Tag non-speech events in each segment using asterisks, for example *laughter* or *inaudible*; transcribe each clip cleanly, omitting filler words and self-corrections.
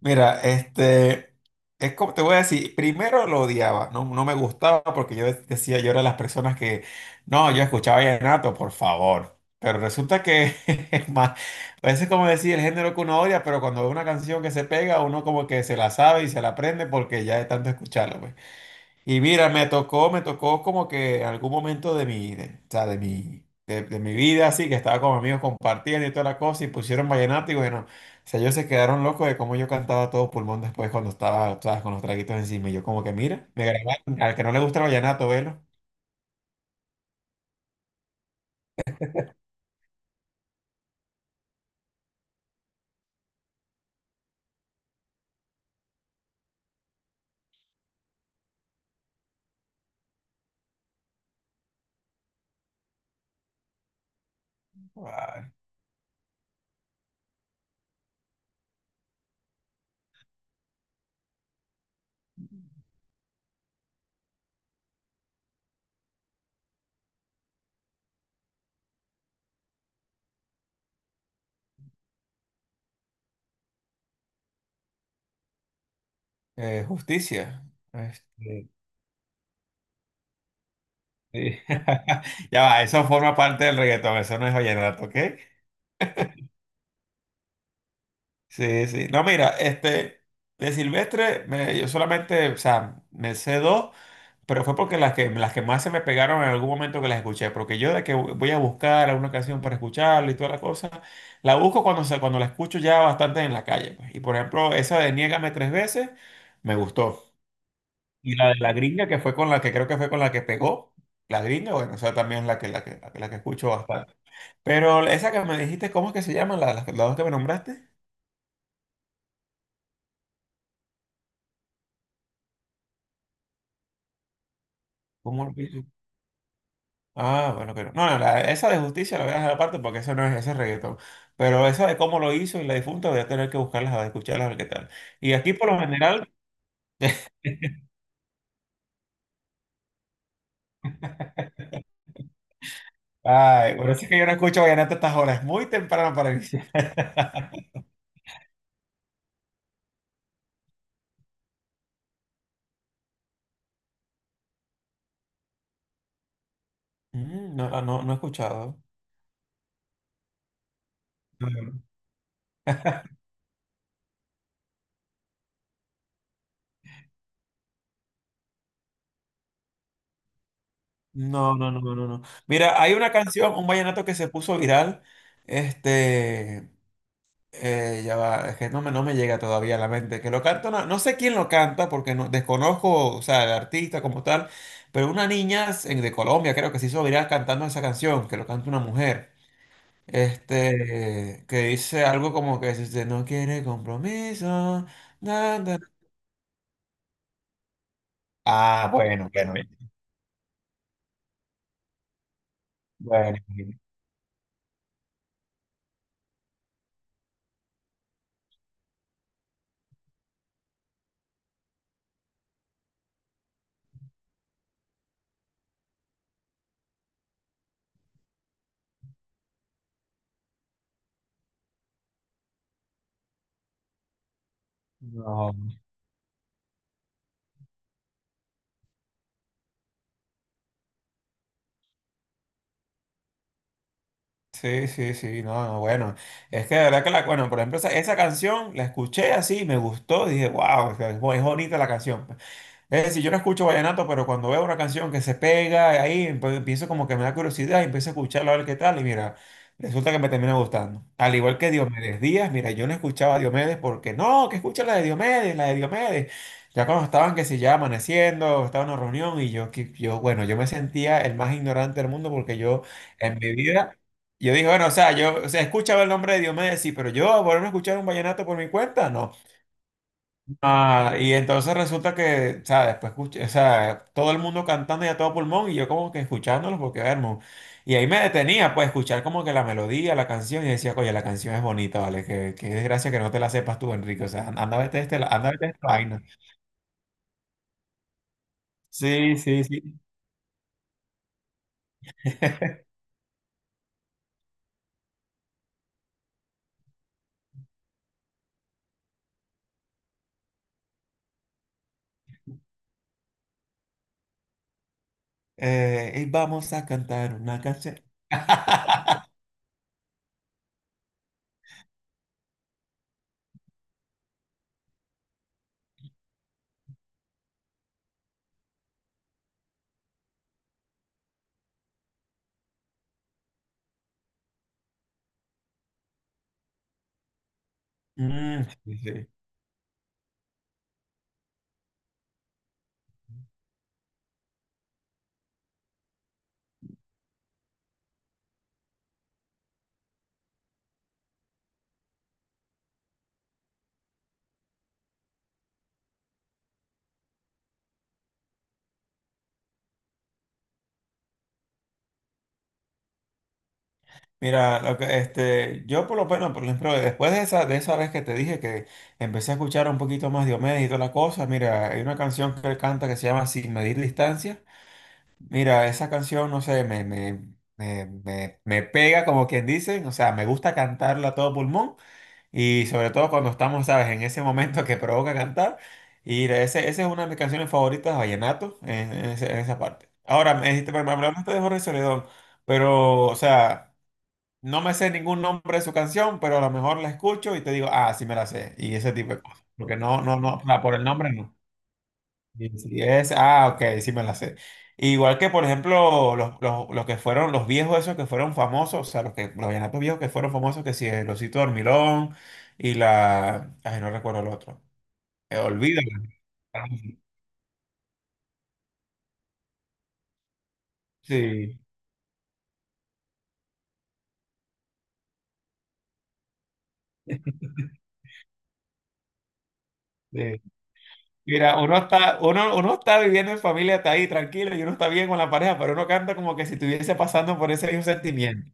Mira, es como te voy a decir, primero lo odiaba, no, no me gustaba porque yo decía, yo era de las personas que, no, yo escuchaba vallenato, por favor. Pero resulta que, *laughs* es más, a veces como decir el género que uno odia, pero cuando ve una canción que se pega, uno como que se la sabe y se la aprende porque ya de tanto escucharla, pues. Y mira, me tocó como que algún momento o sea, de mi vida, así, que estaba con amigos compartiendo y toda la cosa, y pusieron vallenato, y bueno, o sea, ellos se quedaron locos de cómo yo cantaba a todo pulmón después cuando estaba, ¿sabes? Con los traguitos encima, y yo como que, mira, me grabaron, al que no le gusta el vallenato, velo. Ah, justicia. Este, sí. *laughs* Ya va, eso forma parte del reggaetón, eso no es vallenato, ¿ok? Sí, sí. No, mira, de Silvestre, yo solamente, o sea, me sé dos. Pero fue porque las que más se me pegaron en algún momento que las escuché, porque yo de que voy a buscar alguna canción para escucharla y toda la cosa, la busco cuando, cuando la escucho ya bastante en la calle, pues. Y por ejemplo, esa de Niégame tres veces me gustó. Y la de la gringa, que fue con la que creo que fue con la que pegó, la gringa, bueno, o sea, también es la que, la que, la que, la que escucho bastante. Pero esa que me dijiste, ¿cómo es que se llama? Las dos que me nombraste, ¿cómo? Ah, bueno, pero no, no, no, esa de justicia la voy a dejar aparte porque eso no es ese reggaetón. Pero esa de cómo lo hizo y la difunta voy a tener que buscarlas, a escucharlas, a ver qué tal. Y aquí por lo general, ay, por eso es que yo no escucho vallenato a estas horas, es muy temprano para iniciar. *laughs* Mm, no, ah, no, no he escuchado. No, no, no, no, no. No. Mira, hay una canción, un vallenato que se puso viral, este, ya va, es que no me, llega todavía a la mente. Que lo canta, no sé quién lo canta porque no, desconozco, o sea, el artista como tal, pero una niña de Colombia creo que se hizo viral cantando esa canción, que lo canta una mujer. Que dice algo como que si usted no quiere compromiso. Na, na. Ah, bueno, bueno, bueno. No. Sí, sí, sí, no, no, bueno. Es que de verdad que la, bueno, por ejemplo, esa, canción la escuché así, me gustó, dije, wow, es bonita la canción. Es decir, yo no escucho vallenato, pero cuando veo una canción que se pega ahí, empiezo como que me da curiosidad y empiezo a escucharla a ver qué tal. Y mira, resulta que me termina gustando. Al igual que Diomedes Díaz, mira, yo no escuchaba a Diomedes porque no, que escucha la de Diomedes, la de Diomedes. Ya cuando estaban, que se ya amaneciendo, estaba en una reunión y yo, bueno, yo me sentía el más ignorante del mundo porque yo en mi vida. Yo dije, bueno, o sea, yo, o sea, escuchaba el nombre de Diomedes, sí, pero yo volverme a escuchar un vallenato por mi cuenta, no. Ah, y entonces resulta que, o sea, después escuché, o sea, todo el mundo cantando y a todo pulmón y yo como que escuchándolos porque, hermano, y ahí me detenía, pues, escuchar como que la melodía, la canción y decía, oye, la canción es bonita, ¿vale? Qué desgracia que no te la sepas tú, Enrique, o sea, anda a verte este, anda a verte esta vaina. Sí, sí, sí. *laughs* Y vamos a cantar una canción. *laughs* Mm, sí, sí. Mira, lo que, yo por lo menos, por ejemplo, después de esa vez que te dije que empecé a escuchar un poquito más Diomedes y toda la cosa, mira, hay una canción que él canta que se llama Sin medir distancia. Mira, esa canción, no sé, me pega como quien dice, o sea, me gusta cantarla a todo pulmón y sobre todo cuando estamos, sabes, en ese momento que provoca cantar. Y ese, esa es una de mis canciones favoritas de vallenato en en esa parte. Ahora, me dijiste, me hablaste de Jorge Celedón, pero, o sea. No me sé ningún nombre de su canción, pero a lo mejor la escucho y te digo, ah, sí me la sé. Y ese tipo de cosas. Porque no, no, no, o sea, por el nombre no. Sí, sí, es, ah, ok, sí me la sé. Igual que, por ejemplo, los que fueron, los viejos esos que fueron famosos, o sea, los vallenatos viejos que fueron famosos, que si el Osito Dormilón y ay, no recuerdo el otro. Olvídalo. Sí, sí. Mira, uno está, uno está viviendo en familia, está ahí tranquilo y uno está bien con la pareja, pero uno canta como que si estuviese pasando por ese mismo sentimiento.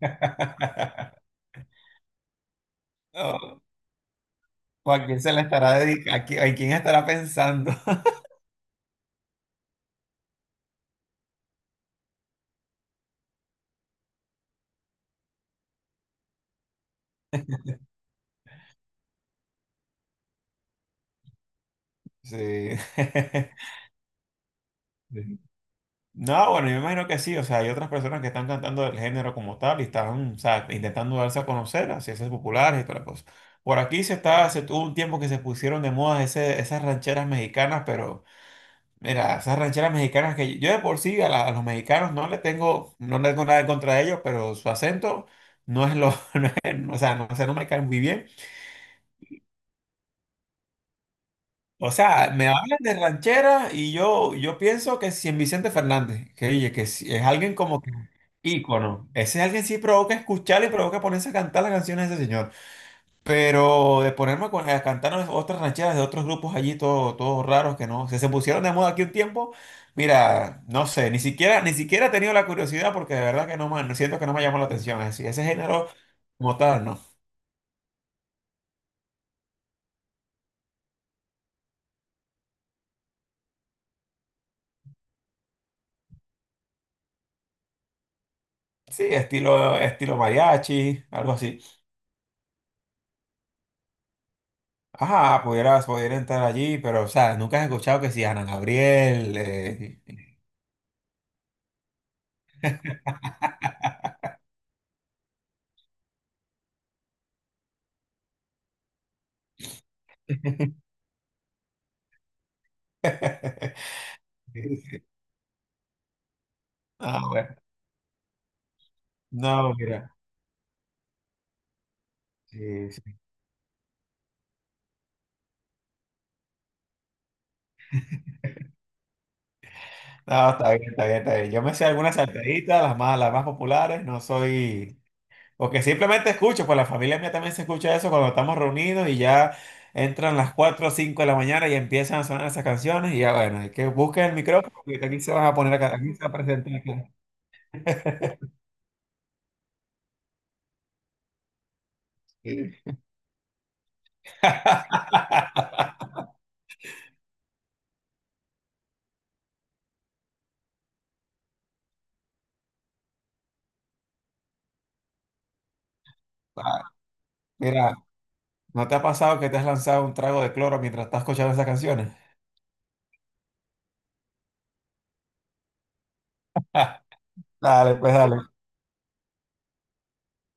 *laughs* No, ¿o a quién se le estará dedicando? ¿A quién estará pensando? *laughs* Sí. *laughs* Sí. No, bueno, yo imagino que sí. O sea, hay otras personas que están cantando el género como tal y están, o sea, intentando darse a conocer, hacerse populares y toda la cosa. Por aquí se está, se tuvo un tiempo que se pusieron de moda esas rancheras mexicanas, pero mira, esas rancheras mexicanas que yo de por sí a los mexicanos no le tengo, nada en contra de ellos, pero su acento *laughs* o sea, no me caen muy bien. O sea, me hablan de ranchera y yo pienso que si en Vicente Fernández, que oye, que si- es alguien como que ícono. Ese alguien sí provoca escuchar y provoca ponerse a cantar las canciones de ese señor. Pero de ponerme a, a cantar otras rancheras de otros grupos allí, todos raros que no, se pusieron de moda aquí un tiempo. Mira, no sé, ni siquiera, ni siquiera he tenido la curiosidad porque de verdad que no siento que no me llamó la atención. Es decir, ese género como tal, no. Sí, estilo, mariachi, algo así. Ah, pudieras, pudiera entrar allí, pero, o sea, nunca has escuchado que si Ana Gabriel. *laughs* Ah, bueno. No, mira. Sí, sí. No, está bien, está bien, está bien. Yo me sé algunas saltaditas, las más populares, no soy. Porque simplemente escucho, pues la familia mía también se escucha eso cuando estamos reunidos y ya entran las 4 o 5 de la mañana y empiezan a sonar esas canciones y ya bueno, hay que busquen el micrófono porque aquí se van a poner acá, aquí se va a presentar acá. *laughs* Sí. *laughs* Ah, mira, ¿no te ha pasado que te has lanzado un trago de cloro mientras estás escuchando esas canciones? Dale, pues dale.